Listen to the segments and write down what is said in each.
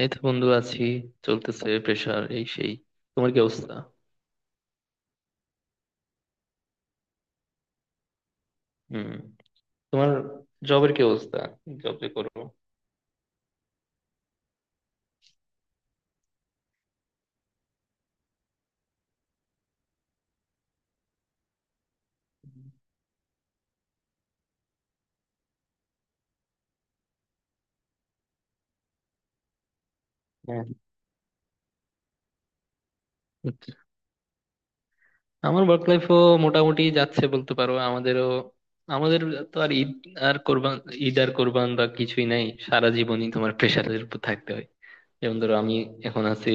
এই তো বন্ধু আছি। চলতেছে প্রেশার এই সেই। তোমার কি অবস্থা? হুম। তোমার জবের কি অবস্থা? জব যে করো। হ্যাঁ। আমার ওয়ার্ক লাইফও মোটামুটি যাচ্ছে বলতে পারো। আমাদের তো আর ঈদ আর কোরবান, ঈদ আর কোরবান বা কিছুই নাই, সারা জীবনই তোমার প্রেশারের উপর থাকতে হয়। যেমন ধরো, আমি এখন আছি,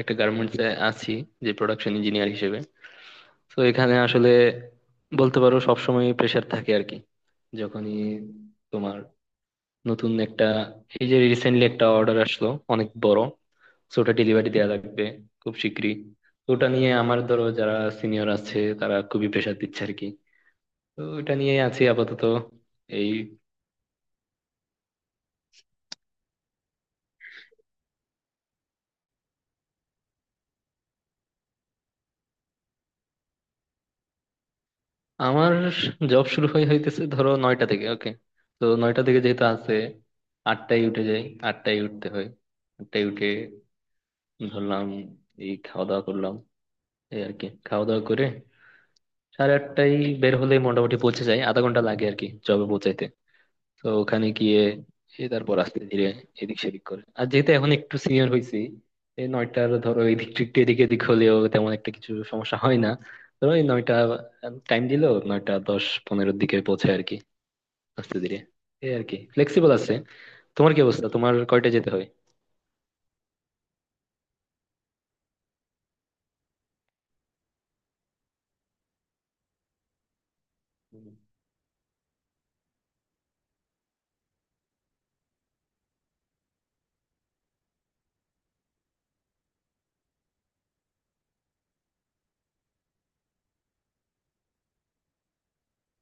একটা গার্মেন্টস এ আছি যে প্রোডাকশন ইঞ্জিনিয়ার হিসেবে। তো এখানে আসলে বলতে পারো সবসময় প্রেশার থাকে আর কি। যখনই তোমার নতুন একটা, এই যে রিসেন্টলি একটা অর্ডার আসলো, অনেক বড়, তো ওটা ডেলিভারি দেওয়া লাগবে খুব শিগগিরই। তো ওটা নিয়ে আমার, ধরো যারা সিনিয়র আছে তারা খুবই প্রেশার দিচ্ছে আর কি। তো ওটা নিয়ে আছি আপাতত। এই, আমার জব শুরু হয়ে হইতেছে ধরো নয়টা থেকে, ওকে। তো নয়টা থেকে যেহেতু আছে, আটটায় উঠে যাই। আটটায় উঠতে হয়। আটটায় উঠে ধরলাম, এই খাওয়া দাওয়া করলাম। এই আর কি খাওয়া দাওয়া করে সাড়ে আটটায় বের হলে মোটামুটি পৌঁছে যাই, আধা ঘন্টা লাগে আর কি জবে পৌঁছাইতে। তো ওখানে গিয়ে এ তারপর আস্তে ধীরে এদিক সেদিক করে, আর যেহেতু এখন একটু সিনিয়র হয়েছি, এই নয়টার ধরো এদিক একটু এদিক এদিক হলেও তেমন একটা কিছু সমস্যা হয় না। ধরো এই নয়টা টাইম দিলো, নয়টা দশ পনেরোর দিকে পৌঁছায় আর কি, আস্তে ধীরে। এই আর কি, ফ্লেক্সিবল আছে। তোমার কি অবস্থা? তোমার কয়টা যেতে হয়? হুম,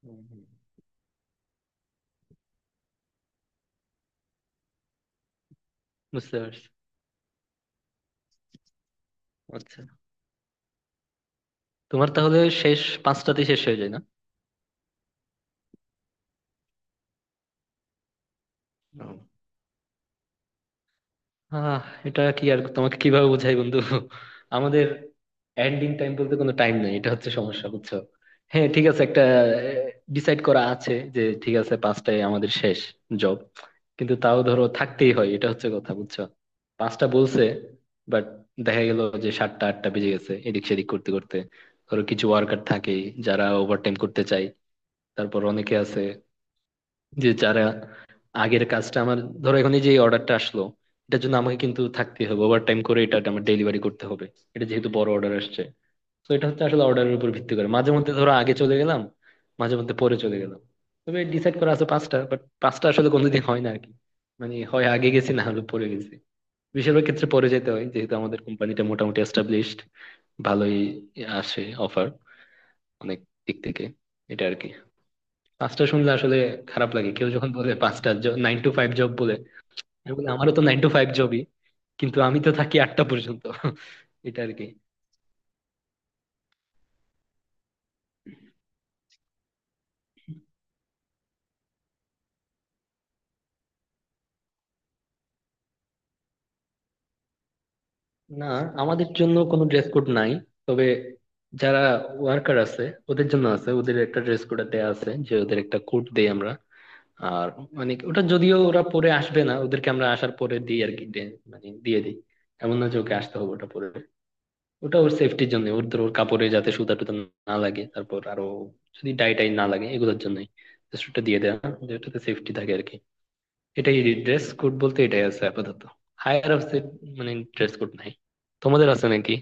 হুম, হুম। বুঝতে পারছি। আচ্ছা। তোমার তাহলে শেষ পাঁচটাতে শেষ হয়ে যায়। না। আহ এটা কি আর তোমাকে কিভাবে বোঝাই বন্ধু, আমাদের এন্ডিং টাইম বলতে কোনো টাইম নেই, এটা হচ্ছে সমস্যা, বুঝছো? হ্যাঁ ঠিক আছে, একটা ডিসাইড করা আছে যে ঠিক আছে পাঁচটায় আমাদের শেষ জব, কিন্তু তাও ধরো থাকতেই হয়, এটা হচ্ছে কথা, বুঝছো? পাঁচটা বলছে বাট দেখা গেল যে সাতটা আটটা বেজে গেছে এদিক সেদিক করতে করতে। ধরো কিছু ওয়ার্কার থাকে যারা ওভারটাইম করতে চায়, তারপর অনেকে আছে যে যারা আগের কাজটা, আমার ধরো এখন এই যে অর্ডারটা আসলো, এটার জন্য আমাকে কিন্তু থাকতে হবে, ওভার টাইম করে এটা আমার ডেলিভারি করতে হবে, এটা যেহেতু বড় অর্ডার আসছে। তো এটা হচ্ছে আসলে অর্ডারের উপর ভিত্তি করে মাঝে মধ্যে ধরো আগে চলে গেলাম, মাঝে মধ্যে পরে চলে গেলাম। তবে ডিসাইড করা আছে পাঁচটা, বাট পাঁচটা আসলে কোনোদিন হয় না আর কি। মানে হয় আগে গেছি না হলে পরে গেছি। বেশিরভাগ ক্ষেত্রে পরে যেতে হয়, যেহেতু আমাদের কোম্পানিটা মোটামুটি এস্টাবলিশড, ভালোই আসে অফার অনেক দিক থেকে। এটা আর কি। পাঁচটা শুনলে আসলে খারাপ লাগে, কেউ যখন বলে পাঁচটা, নাইন টু ফাইভ জব বলে। আমি বলি, আমারও তো নাইন টু ফাইভ জবই, কিন্তু আমি তো থাকি আটটা পর্যন্ত। এটা আর কি। না, আমাদের জন্য কোনো ড্রেস কোড নাই। তবে যারা ওয়ার্কার আছে ওদের জন্য আছে, ওদের একটা ড্রেস কোড দেয়া আছে, যে ওদের একটা কোড দেই আমরা। আর মানে ওটা যদিও ওরা পরে আসবে না, ওদেরকে আমরা আসার পরে দিই আর কি, মানে দিয়ে দিই। এমন না যে ওকে আসতে হবে ওটা পরে, ওটা ওর সেফটির জন্য, ওর ধর ওর কাপড়ে যাতে সুতা টুতা না লাগে, তারপর আরো যদি ডাই টাই না লাগে, এগুলোর জন্যই জাস্ট ওটা দিয়ে দেয়া, যেটাতে সেফটি থাকে আর কি। এটাই। ড্রেস কোড বলতে এটাই আছে আপাতত। হায়ার অফিসে মানে ড্রেস কোড নাই। তোমাদের আছে নাকি?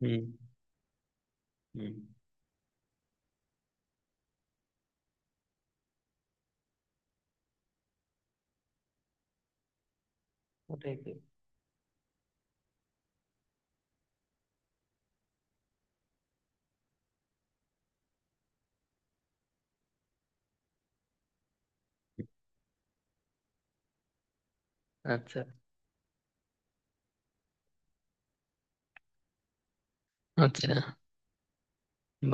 হুম হুম। ওটাই তো। আচ্ছা আচ্ছা।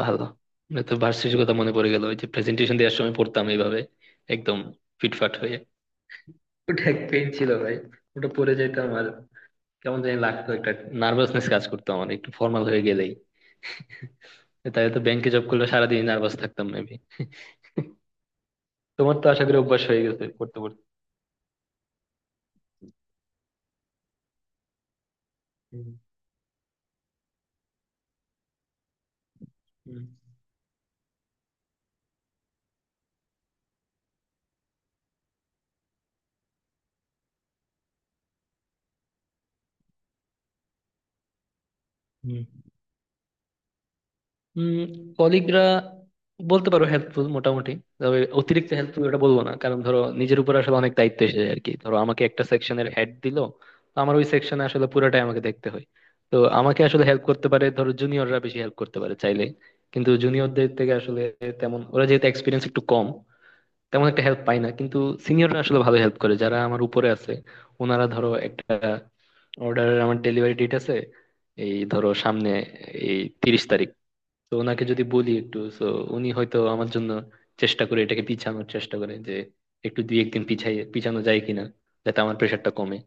ভালো, মানে তো ভার্সিটির কথা মনে পড়ে গেল, ওই যে প্রেজেন্টেশন দেওয়ার সময় পড়তাম এইভাবে একদম ফিটফাট হয়ে। ওটা এক পেন ছিল ভাই, ওটা পড়ে যাইতাম আর কেমন জানি লাগতো, একটা নার্ভাসনেস কাজ করতো আমার একটু ফর্মাল হয়ে গেলেই। তাহলে তো ব্যাংকে জব করলে সারাদিন নার্ভাস থাকতাম মেবি। তোমার তো আশা করি অভ্যাস হয়ে গেছে পড়তে পড়তে। হুম হুম হুম। উম কলিগরা বলতে পারো হেল্পফুল মোটামুটি, তবে অতিরিক্ত হেল্পফুল ওটা বলবো না, কারণ ধরো নিজের উপর আসলে অনেক দায়িত্ব এসে যায় আর কি। ধরো আমাকে একটা সেকশনের হেড দিল, তো আমার ওই সেকশনে আসলে পুরোটাই আমাকে দেখতে হয়। তো আমাকে আসলে হেল্প করতে পারে ধরো জুনিয়ররা, বেশি হেল্প করতে পারে চাইলে, কিন্তু জুনিয়রদের থেকে আসলে তেমন, ওরা যেহেতু এক্সপিরিয়েন্স একটু কম, তেমন একটা হেল্প পায় না। কিন্তু সিনিয়ররা আসলে ভালো হেল্প করে, যারা আমার উপরে আছে। ওনারা ধরো একটা অর্ডারের আমার ডেলিভারি ডেট আছে, এই ধরো সামনে এই তিরিশ তারিখ, তো ওনাকে যদি বলি একটু, তো উনি হয়তো আমার জন্য চেষ্টা করে, এটাকে পিছানোর চেষ্টা করে যে একটু দুই একদিন পিছাই, পিছানো যায় কিনা, যাতে আমার প্রেশারটা কমে।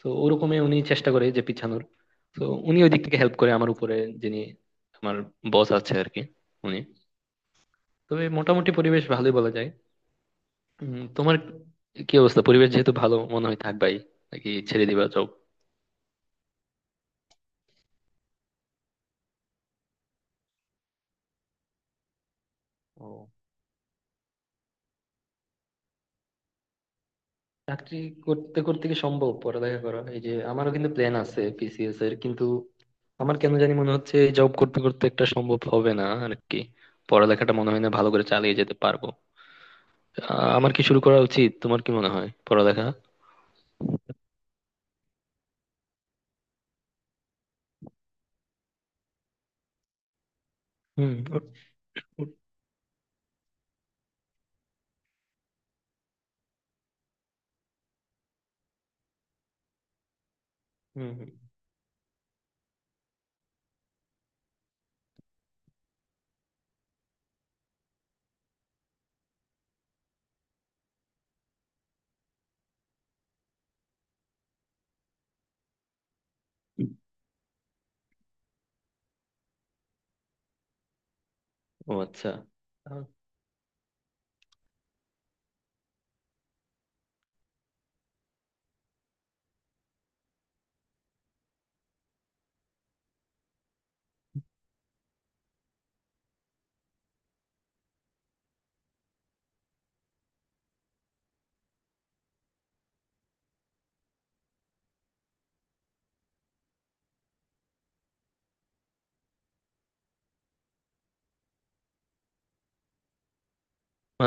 তো ওরকমই উনি চেষ্টা করে যে পিছানোর। তো উনি ওই দিক থেকে হেল্প করে, আমার উপরে যিনি আমার বস আছে আর কি, উনি। তবে মোটামুটি পরিবেশ ভালোই বলা যায়। তোমার কি অবস্থা? পরিবেশ যেহেতু ভালো মনে হয় থাকবাই, নাকি ছেড়ে দিবা জব? চাকরি করতে করতে কি সম্ভব পড়ালেখা করা? এই যে আমারও কিন্তু প্ল্যান আছে পিসিএস এর, কিন্তু আমার কেন জানি মনে হচ্ছে জব করতে করতে একটা সম্ভব হবে না আর কি, পড়ালেখাটা মনে হয় না ভালো করে চালিয়ে যেতে পারবো। আমার কি শুরু করা উচিত তোমার কি মনে হয়, পড়ালেখা? হুম ওট- হুম হুম। ও আচ্ছা, তাহলে-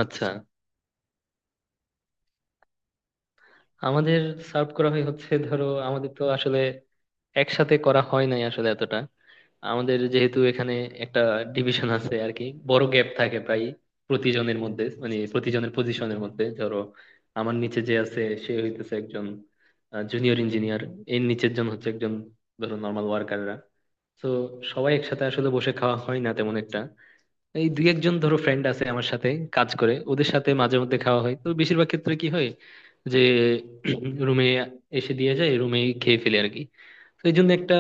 আচ্ছা। আমাদের সার্ভ করা হয় হচ্ছে ধরো, আমাদের তো আসলে একসাথে করা হয় নাই আসলে এতটা। আমাদের যেহেতু এখানে একটা ডিভিশন আছে আর কি, বড় গ্যাপ থাকে প্রায় প্রতিজনের মধ্যে, মানে প্রতিজনের পজিশনের মধ্যে। ধরো আমার নিচে যে আছে সে হইতেছে একজন জুনিয়র ইঞ্জিনিয়ার, এর নিচের জন হচ্ছে একজন ধরো নর্মাল ওয়ার্কাররা। তো সবাই একসাথে আসলে বসে খাওয়া হয় না তেমন একটা, এই দুই একজন ধরো ফ্রেন্ড আছে আমার সাথে কাজ করে, ওদের সাথে মাঝে মধ্যে খাওয়া হয়। তো বেশিরভাগ ক্ষেত্রে কি হয় যে রুমে এসে দিয়ে যায়, রুমে খেয়ে ফেলে আর কি। তো এই জন্য একটা,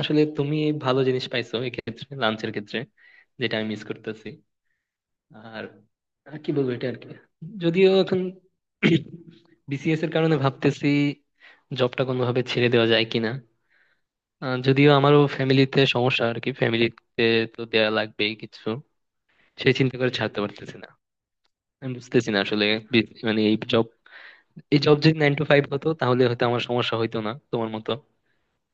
আসলে তুমি ভালো জিনিস পাইছো এক্ষেত্রে লাঞ্চের ক্ষেত্রে, যেটা আমি মিস করতেছি। আর আর কি বলবো, এটা আর কি। যদিও এখন বিসিএস এর কারণে ভাবতেছি জবটা কোনোভাবে ছেড়ে দেওয়া যায় কিনা। যদিও আমারও ফ্যামিলিতে সমস্যা আর কি, ফ্যামিলিতে তো দেয়া লাগবেই কিছু, সেই চিন্তা করে ছাড়তে পারতেছি না। আমি বুঝতেছি না আসলে, মানে এই জব, এই জব যদি নাইন টু ফাইভ হতো তাহলে হয়তো আমার সমস্যা হইতো না তোমার মতো,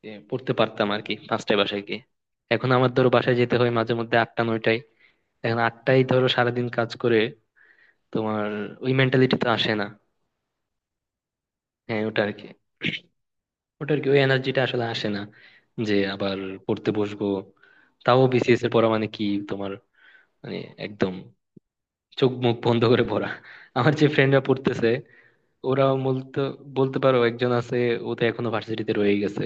যে পড়তে পারতাম আর কি পাঁচটায় বাসায় গিয়ে। এখন আমার ধরো বাসায় যেতে হয় মাঝে মধ্যে আটটা নয়টায়। এখন আটটায় ধরো সারাদিন কাজ করে তোমার ওই মেন্টালিটি তো আসে না। হ্যাঁ ওটা আর কি ওই এনার্জিটা আসলে আসে না, যে আবার পড়তে বসবো। তাও বিসিএস এর পড়া মানে কি তোমার, মানে একদম চোখ মুখ বন্ধ করে পড়া। আমার যে ফ্রেন্ডরা পড়তেছে ওরাও বলতে, বলতে পারো একজন আছে, ও তো এখনো ভার্সিটিতে রয়ে গেছে,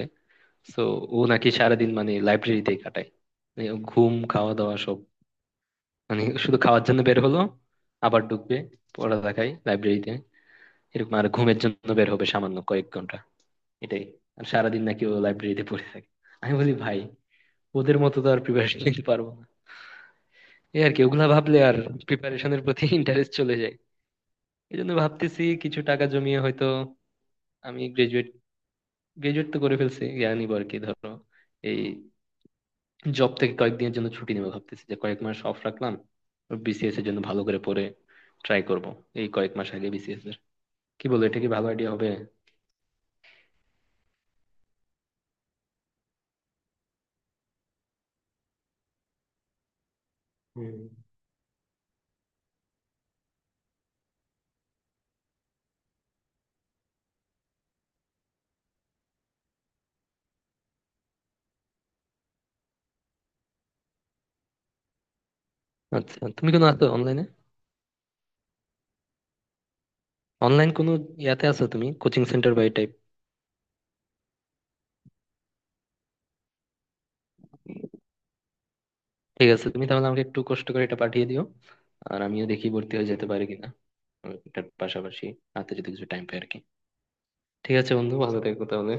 তো ও নাকি সারাদিন মানে লাইব্রেরিতেই কাটায়। মানে ও ঘুম খাওয়া দাওয়া সব, মানে শুধু খাওয়ার জন্য বের হলো আবার ঢুকবে পড়ালেখায় লাইব্রেরিতে, এরকম। আর ঘুমের জন্য বের হবে সামান্য কয়েক ঘন্টা, এটাই। আর সারাদিন নাকি ও লাইব্রেরিতে পড়ে থাকে। আমি বলি ভাই, ওদের মতো তো আর প্রিপারেশন নিতে পারবো না। এই আর কি, ওগুলা ভাবলে আর প্রিপারেশনের প্রতি ইন্টারেস্ট চলে যায়। এই জন্য ভাবতেছি কিছু টাকা জমিয়ে হয়তো, আমি গ্রাজুয়েট, গ্রাজুয়েট তো করে ফেলছি, ইয়া নিবো আর কি ধরো, এই জব থেকে কয়েকদিনের জন্য ছুটি নেবো ভাবতেছি, যে কয়েক মাস অফ রাখলাম, বিসিএস এর জন্য ভালো করে পড়ে ট্রাই করব এই কয়েক মাস আগে বিসিএস এর। কি বলো, এটা কি ভালো আইডিয়া হবে? হুম। আচ্ছা তুমি কোনো আছো অনলাইনে, অনলাইন কোনো ইয়াতে আছো তুমি, কোচিং সেন্টার বা এই টাইপ? ঠিক আছে তুমি তাহলে আমাকে একটু কষ্ট করে এটা পাঠিয়ে দিও। আর আমিও দেখি ভর্তি হয়ে যেতে পারি কিনা, আর এটার পাশাপাশি হাতে যদি কিছু টাইম পাই আর কি। ঠিক আছে বন্ধু, ভালো থেকো তাহলে।